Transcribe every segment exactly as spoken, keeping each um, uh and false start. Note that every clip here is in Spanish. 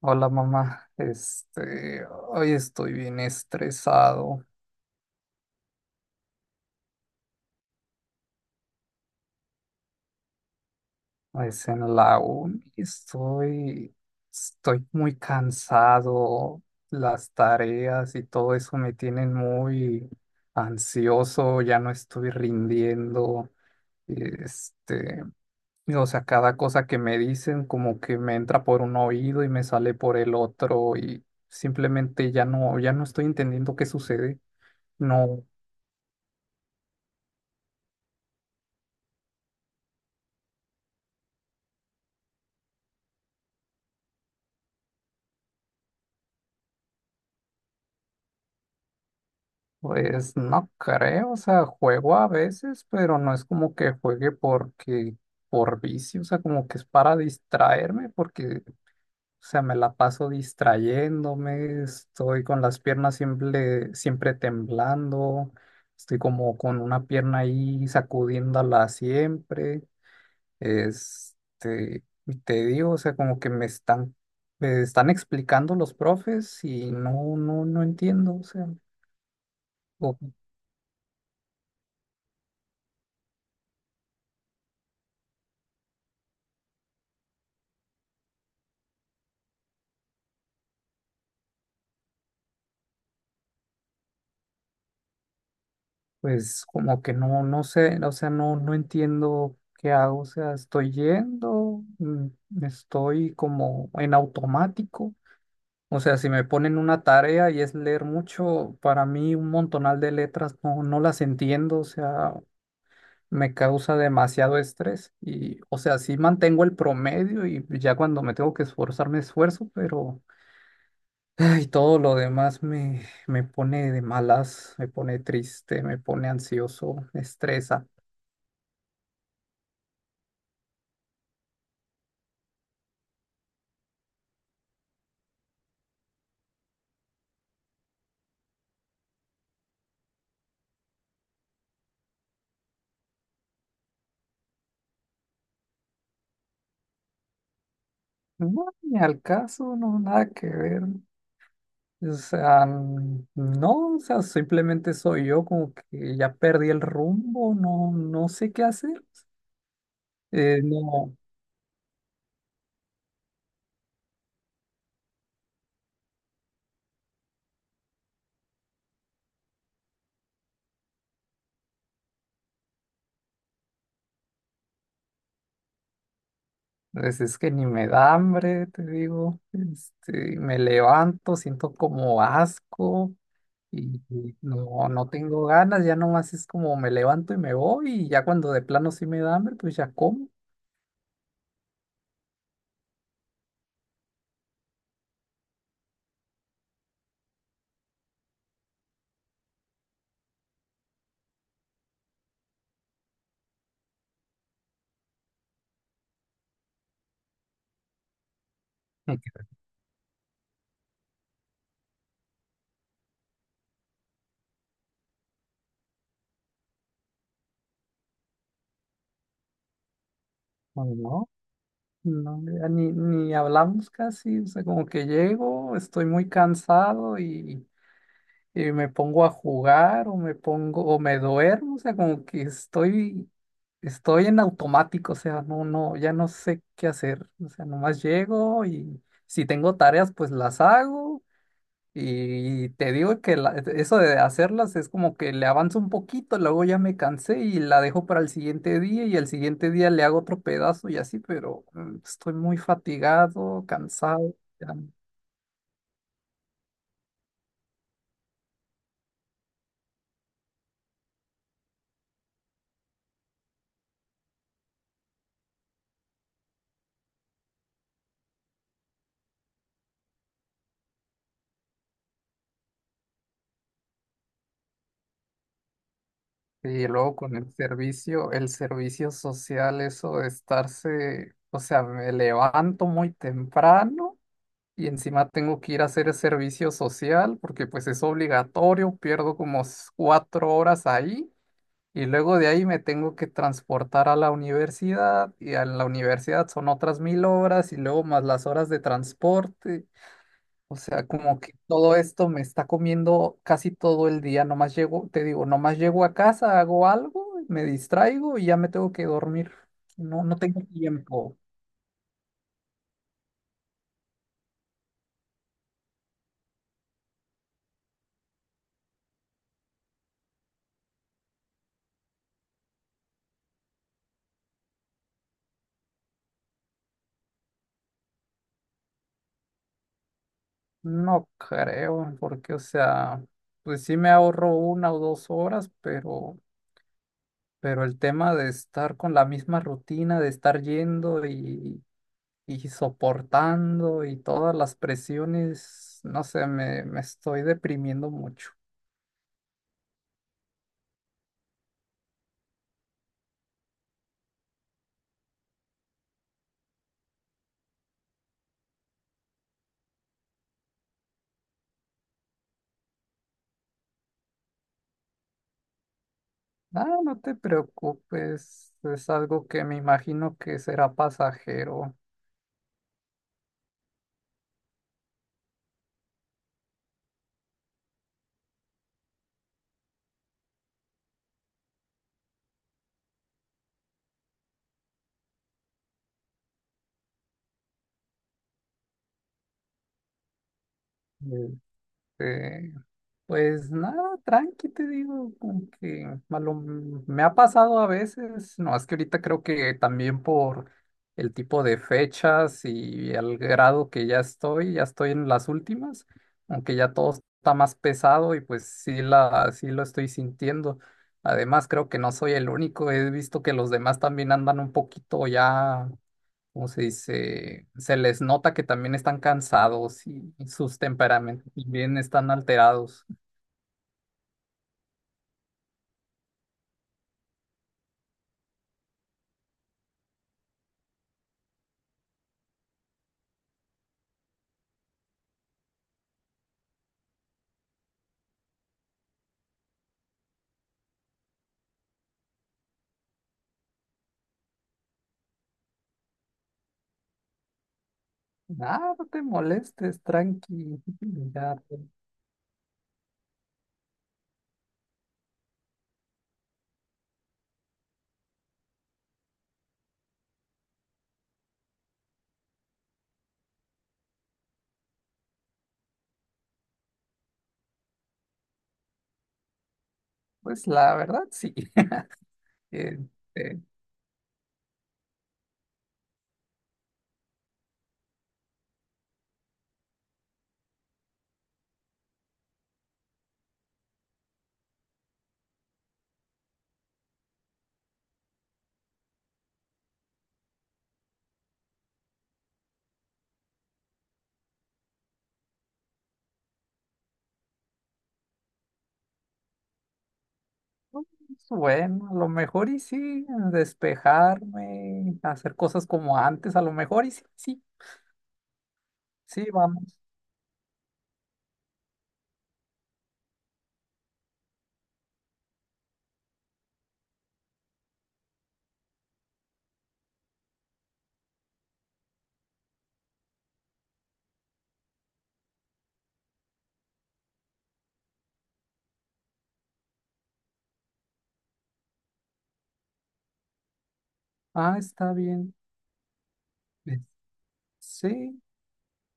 Hola, mamá. Este, hoy estoy bien estresado, es en la uni. Estoy, estoy muy cansado, las tareas y todo eso me tienen muy ansioso, ya no estoy rindiendo. este, y o sea, cada cosa que me dicen como que me entra por un oído y me sale por el otro y simplemente ya no, ya no estoy entendiendo qué sucede. No. Pues no creo, o sea, juego a veces, pero no es como que juegue porque por vicio, o sea, como que es para distraerme, porque o sea, me la paso distrayéndome, estoy con las piernas siempre, siempre temblando, estoy como con una pierna ahí sacudiéndola siempre. Este, y te digo, o sea, como que me están, me están explicando los profes y no, no, no entiendo, o sea. O pues como que no, no sé, o sea, no, no entiendo qué hago, o sea, estoy yendo, mm, estoy como en automático. O sea, si me ponen una tarea y es leer mucho, para mí un montonal de letras no, no las entiendo, o sea, me causa demasiado estrés y, o sea, sí mantengo el promedio y ya cuando me tengo que esforzar me esfuerzo, pero... Ay, todo lo demás me, me pone de malas, me pone triste, me pone ansioso, me estresa. No, ni al caso. No, nada que ver. O sea, n- no, o sea, simplemente soy yo, como que ya perdí el rumbo. No, no sé qué hacer. Eh, no, pues es que ni me da hambre, te digo. Este, me levanto, siento como asco y y no, no tengo ganas. Ya nomás es como me levanto y me voy, y ya cuando de plano sí me da hambre, pues ya como. No, ya ni, ni hablamos casi, o sea, como que llego, estoy muy cansado y, y me pongo a jugar o me pongo o me duermo. O sea, como que estoy, estoy en automático. O sea, no, no, ya no sé qué hacer. O sea, nomás llego y si tengo tareas, pues las hago, y te digo que la- eso de hacerlas es como que le avanzo un poquito, luego ya me cansé y la dejo para el siguiente día, y al siguiente día le hago otro pedazo y así, pero mm, estoy muy fatigado, cansado. Ya. Y luego con el servicio, el servicio social, eso de estarse, o sea, me levanto muy temprano y encima tengo que ir a hacer el servicio social porque pues es obligatorio, pierdo como s- cuatro horas ahí. Y luego de ahí me tengo que transportar a la universidad, y a la universidad son otras mil horas y luego más las horas de transporte. O sea, como que todo esto me está comiendo casi todo el día. Nomás llego, te digo, nomás llego a casa, hago algo, me distraigo y ya me tengo que dormir. No, no tengo tiempo. No creo, porque o sea, pues sí me ahorro una o dos horas, pero pero el tema de estar con la misma rutina, de estar yendo y y soportando y todas las presiones, no sé, me, me estoy deprimiendo mucho. Ah, no te preocupes, es algo que me imagino que será pasajero. Este, Pues nada, tranqui, te digo, como que a lo- me ha pasado a veces. No, es que ahorita creo que también por el tipo de fechas y el grado que ya estoy, ya estoy en las últimas, aunque ya todo está más pesado y pues sí, la, sí lo estoy sintiendo. Además, creo que no soy el único, he visto que los demás también andan un poquito ya, ¿cómo se dice? Se les nota que también están cansados y sus temperamentos también están alterados. Nada, no te molestes, tranqui. Ya, pues la verdad sí. Este, pues bueno, a lo mejor y sí, despejarme, hacer cosas como antes, a lo mejor y sí. Sí, sí, vamos. Ah, está bien. Eh, Sí,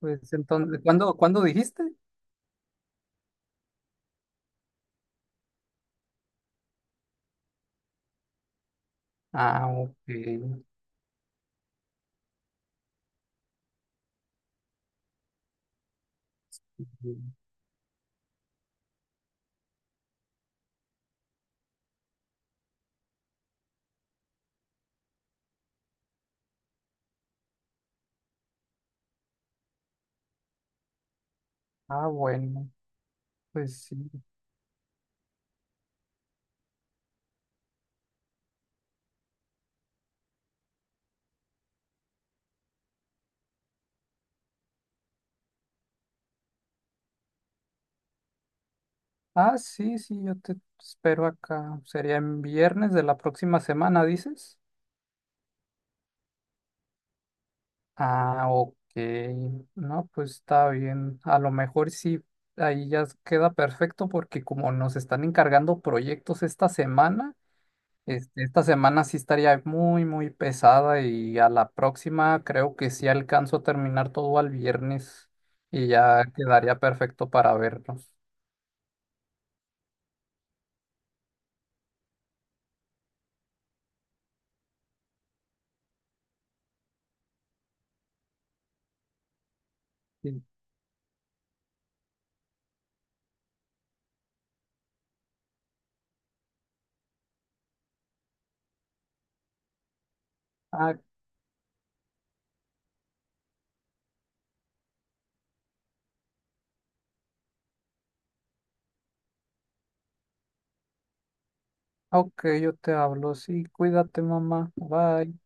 pues entonces, ¿cuándo, cuándo dijiste? Ah, ok. Ah, bueno, pues sí. Ah, sí, sí, yo te espero acá. Sería en viernes de la próxima semana, ¿dices? Ah, ok. No, pues está bien. A lo mejor sí, ahí ya queda perfecto porque como nos están encargando proyectos esta semana. Este, esta semana sí estaría muy, muy pesada, y a la próxima creo que sí alcanzo a terminar todo al viernes y ya quedaría perfecto para vernos. Sí. Ah, ok, yo te hablo. Sí, cuídate, mamá. Bye.